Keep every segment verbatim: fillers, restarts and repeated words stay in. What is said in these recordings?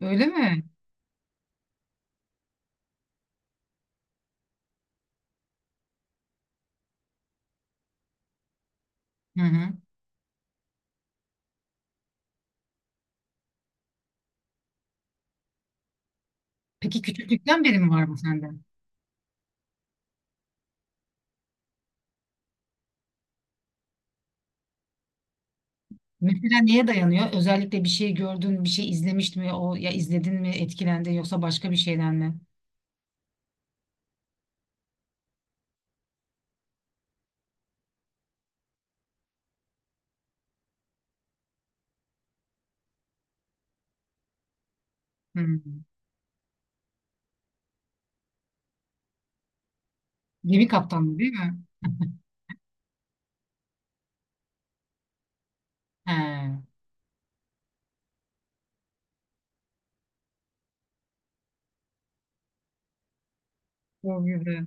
Öyle mi? Hı hı. Peki küçüklükten beri mi var bu sende? Mesela neye dayanıyor? Özellikle bir şey gördün, bir şey izlemiştin mi? O ya izledin mi, etkilendin yoksa başka bir şeyden mi? Hı. Gemi kaptanı değil mi? He. Çok güzel.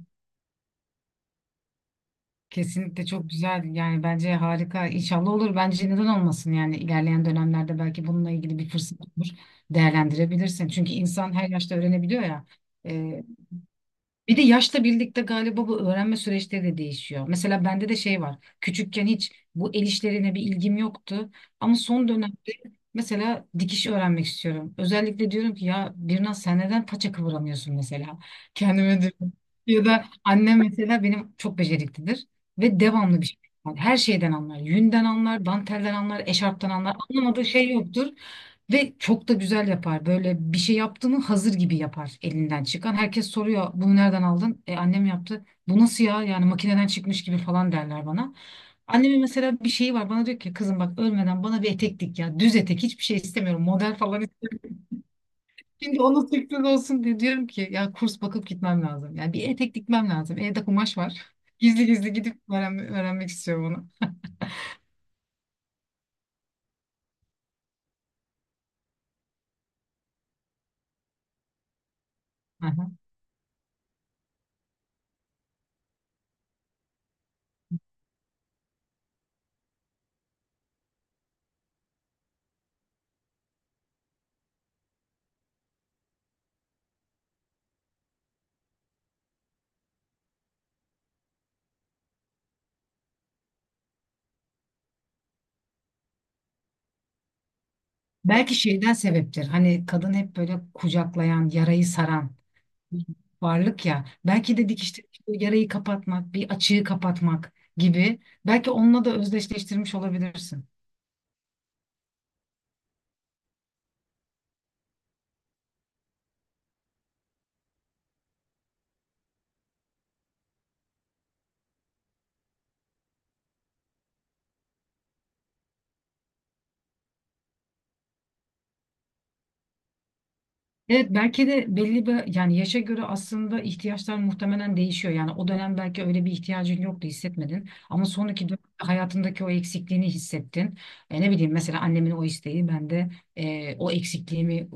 Kesinlikle çok güzel. Yani bence harika. İnşallah olur. Bence neden olmasın yani ilerleyen dönemlerde belki bununla ilgili bir fırsat olur. Değerlendirebilirsin. Çünkü insan her yaşta öğrenebiliyor ya. Ee, Bir de yaşla birlikte galiba bu öğrenme süreçleri de değişiyor. Mesela bende de şey var. Küçükken hiç bu el işlerine bir ilgim yoktu. Ama son dönemde mesela dikiş öğrenmek istiyorum. Özellikle diyorum ki ya Birnaz sen neden paça kıvıramıyorsun mesela? Kendime diyorum. Ya da annem mesela benim çok beceriklidir. Ve devamlı bir şey. Yani her şeyden anlar. Yünden anlar, dantelden anlar, eşarptan anlar. Anlamadığı şey yoktur. Ve çok da güzel yapar. Böyle bir şey yaptığını hazır gibi yapar elinden çıkan. Herkes soruyor bunu nereden aldın? E annem yaptı. Bu nasıl ya? Yani makineden çıkmış gibi falan derler bana. Annemin mesela bir şeyi var. Bana diyor ki kızım bak ölmeden bana bir etek dik ya. Düz etek hiçbir şey istemiyorum. Model falan istemiyorum. Şimdi onun sürpriz olsun diye diyorum ki ya kurs bakıp gitmem lazım. Yani bir etek dikmem lazım. Evde kumaş var. Gizli gizli gidip öğrenme- öğrenmek istiyorum onu. Aha. Belki şeyden sebeptir. Hani kadın hep böyle kucaklayan, yarayı saran varlık ya. Belki de dikişte bir yarayı kapatmak, bir açığı kapatmak gibi. Belki onunla da özdeşleştirmiş olabilirsin. Evet, belki de belli bir yani yaşa göre aslında ihtiyaçlar muhtemelen değişiyor. Yani o dönem belki öyle bir ihtiyacın yoktu, hissetmedin ama sonraki dönem hayatındaki o eksikliğini hissettin. E, ne bileyim mesela annemin o isteği ben de e, o eksikliğimi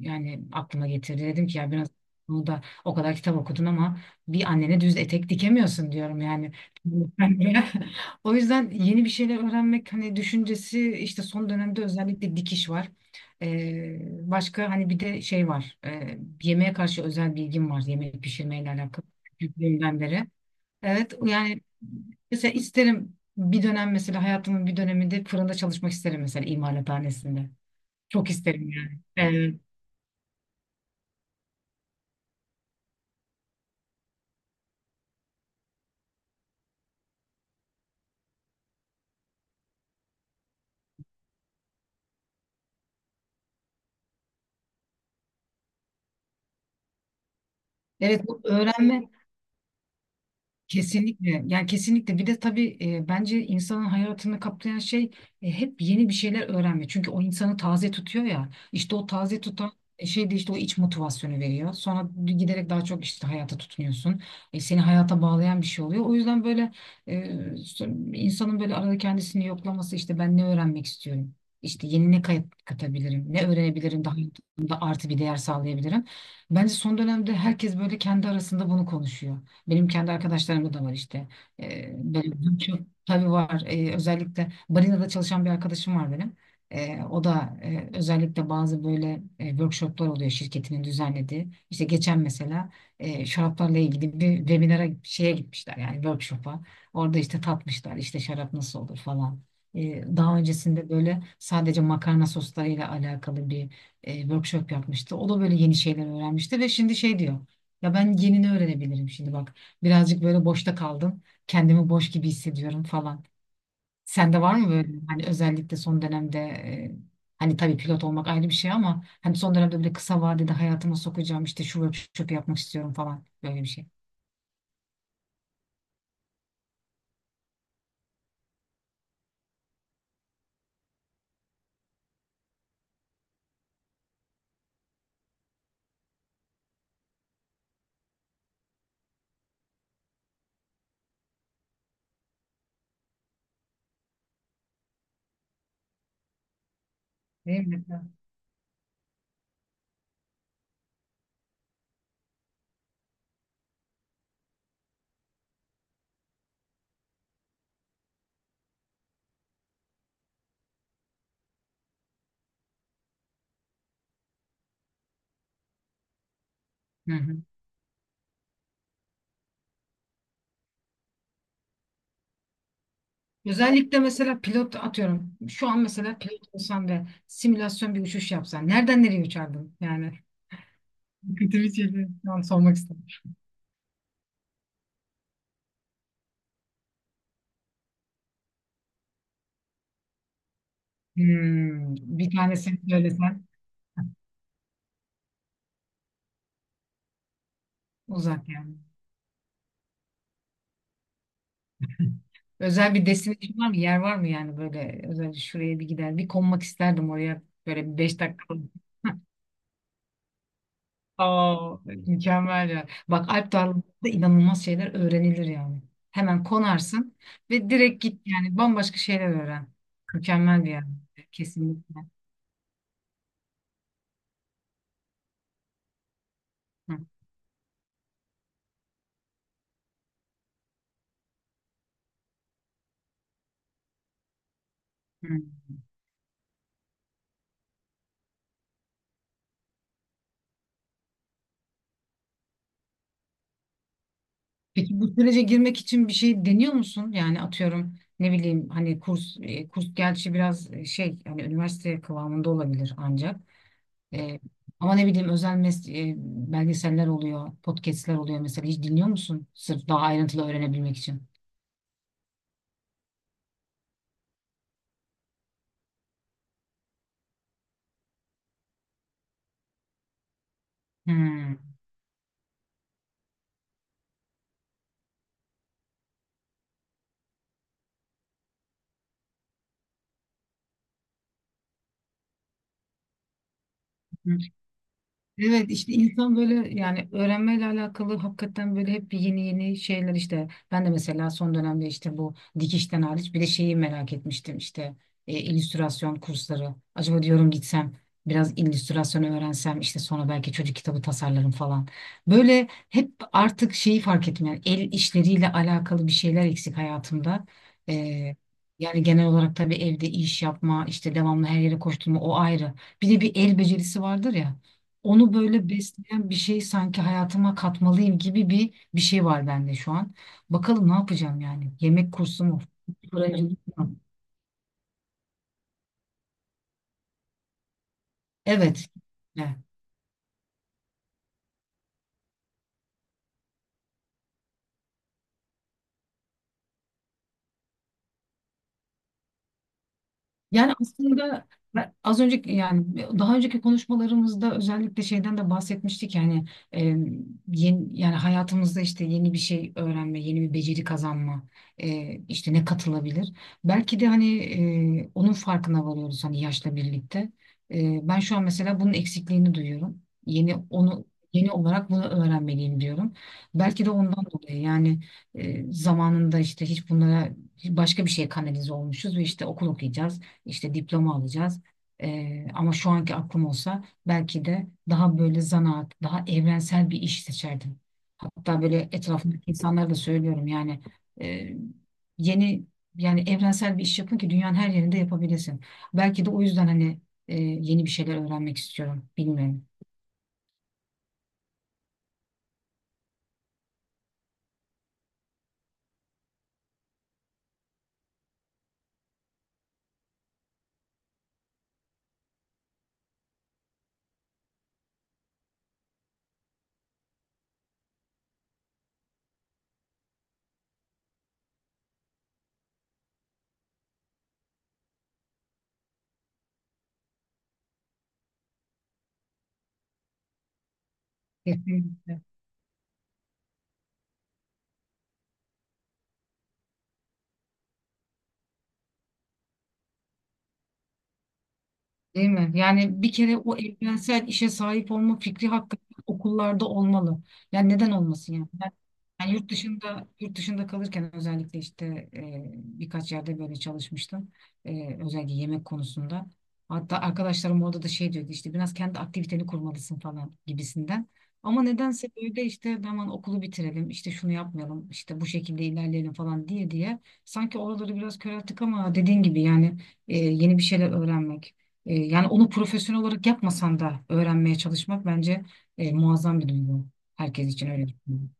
yani aklıma getirdi. Dedim ki ya biraz bunu da o kadar kitap okudun ama bir annene düz etek dikemiyorsun, diyorum yani. O yüzden yeni bir şeyler öğrenmek hani düşüncesi işte son dönemde özellikle dikiş var. Ee, Başka hani bir de şey var. Ee, yemeğe karşı özel bilgim var. Yemek pişirmeyle alakalı küçüklüğümden beri. Evet yani mesela isterim bir dönem, mesela hayatımın bir döneminde fırında çalışmak isterim, mesela imalathanesinde. Çok isterim yani. Ee, evet, bu öğrenme kesinlikle yani kesinlikle. Bir de tabii e, bence insanın hayatını kaplayan şey e, hep yeni bir şeyler öğrenme. Çünkü o insanı taze tutuyor ya, işte o taze tutan şey de işte o iç motivasyonu veriyor. Sonra giderek daha çok işte hayata tutunuyorsun. E, seni hayata bağlayan bir şey oluyor. O yüzden böyle e, so- insanın böyle arada kendisini yoklaması işte, ben ne öğrenmek istiyorum? İşte yeni ne kay- katabilirim? Ne öğrenebilirim? Daha hayatımda artı bir değer sağlayabilirim. Bence son dönemde herkes böyle kendi arasında bunu konuşuyor. Benim kendi arkadaşlarımda da var işte. Ee, böyle çok tabii var. Ee, özellikle Barina'da çalışan bir arkadaşım var benim. Ee, o da e, özellikle bazı böyle e, workshoplar oluyor şirketinin düzenlediği. İşte geçen mesela e, şaraplarla ilgili bir webinara şeye gitmişler, yani workshop'a. Orada işte tatmışlar, işte şarap nasıl olur falan. Ee, daha öncesinde böyle sadece makarna soslarıyla alakalı bir e, workshop yapmıştı. O da böyle yeni şeyler öğrenmişti ve şimdi şey diyor. Ya ben yenini öğrenebilirim şimdi bak. Birazcık böyle boşta kaldım. Kendimi boş gibi hissediyorum falan. Sende var mı böyle, hani özellikle son dönemde e, hani tabii pilot olmak ayrı bir şey ama hani son dönemde böyle kısa vadede hayatıma sokacağım işte şu workshop'u yapmak istiyorum falan, böyle bir şey. Değil mi? Hı hı. Özellikle mesela pilot atıyorum. Şu an mesela pilot olsan ve simülasyon bir uçuş yapsan nereden nereye uçardın? Yani kötü bir şey değil. Şu an sormak istedim. Hmm, bir tanesini söylesen uzak yani. Özel bir destinasyon var mı? Yer var mı yani böyle özellikle şuraya bir gider, bir konmak isterdim oraya böyle bir beş dakika. Aa, mükemmel ya. Bak Alp Dağları'nda inanılmaz şeyler öğrenilir yani. Hemen konarsın ve direkt git yani, bambaşka şeyler öğren. Mükemmel bir yer. Kesinlikle. Hı, hı. Peki bu sürece girmek için bir şey deniyor musun? Yani atıyorum ne bileyim hani kurs e, kurs, gerçi biraz e, şey hani üniversite kıvamında olabilir ancak. E, Ama ne bileyim özel mes- e, belgeseller oluyor, podcastler oluyor mesela. Hiç dinliyor musun? Sırf daha ayrıntılı öğrenebilmek için. Hmm. Evet işte insan böyle yani öğrenmeyle alakalı hakikaten böyle hep yeni yeni şeyler işte, ben de mesela son dönemde işte bu dikişten hariç bir de şeyi merak etmiştim, işte e, illüstrasyon kursları acaba, diyorum gitsem biraz illüstrasyon öğrensem, işte sonra belki çocuk kitabı tasarlarım falan. Böyle hep artık şeyi fark ettim yani, el işleriyle alakalı bir şeyler eksik hayatımda. E, Yani genel olarak tabii evde iş yapma, işte devamlı her yere koşturma, o ayrı. Bir de bir el becerisi vardır ya, onu böyle besleyen bir şey sanki hayatıma katmalıyım gibi bir bir şey var bende şu an. Bakalım ne yapacağım yani. Yemek kursu mu? Fırıncılık mı? Evet. Evet. Yani aslında ben az önceki yani daha önceki konuşmalarımızda özellikle şeyden de bahsetmiştik yani e, yeni, yani hayatımızda işte yeni bir şey öğrenme, yeni bir beceri kazanma, e, işte ne katılabilir? Belki de hani e, onun farkına varıyoruz hani yaşla birlikte. E, ben şu an mesela bunun eksikliğini duyuyorum. Yeni onu yeni olarak bunu öğrenmeliyim diyorum. Belki de ondan dolayı yani e, zamanında işte hiç bunlara, başka bir şeye kanalize olmuşuz ve işte okul okuyacağız, işte diploma alacağız. Ee, ama şu anki aklım olsa belki de daha böyle zanaat, daha evrensel bir iş seçerdim. Hatta böyle etrafımdaki insanlara da söylüyorum yani e, yeni yani evrensel bir iş yapın ki dünyanın her yerinde yapabilirsin. Belki de o yüzden hani e, yeni bir şeyler öğrenmek istiyorum. Bilmiyorum. Kesinlikle. Değil mi? Yani bir kere o evrensel işe sahip olma fikri hakikaten okullarda olmalı. Yani neden olmasın yani? Ben, yani yurt dışında yurt dışında kalırken özellikle işte e, birkaç yerde böyle çalışmıştım. E, özellikle yemek konusunda. Hatta arkadaşlarım orada da şey diyordu, işte biraz kendi aktiviteni kurmalısın falan gibisinden. Ama nedense böyle işte hemen okulu bitirelim, işte şunu yapmayalım, işte bu şekilde ilerleyelim falan diye diye sanki oraları biraz körelttik ama dediğin gibi yani e, yeni bir şeyler öğrenmek. E, yani onu profesyonel olarak yapmasan da öğrenmeye çalışmak bence e, muazzam bir duygu. Herkes için öyle düşünüyorum.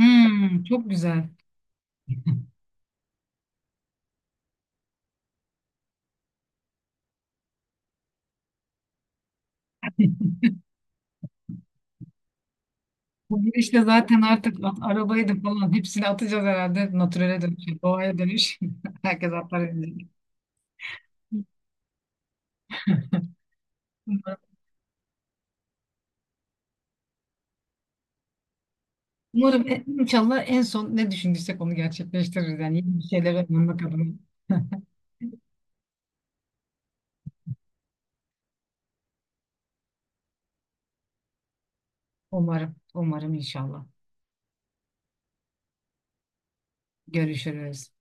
Hmm, çok güzel. Bu girişle zaten artık at- arabayı da falan hepsini atacağız herhalde. Natürele dönüş, doğaya dönüş. Herkes atlar edecek. Umarım umarım e, inşallah en son ne düşündüysek onu gerçekleştiririz. Yani yeni bir şeyler öğrenmek adına. Umarım, umarım inşallah. Görüşürüz.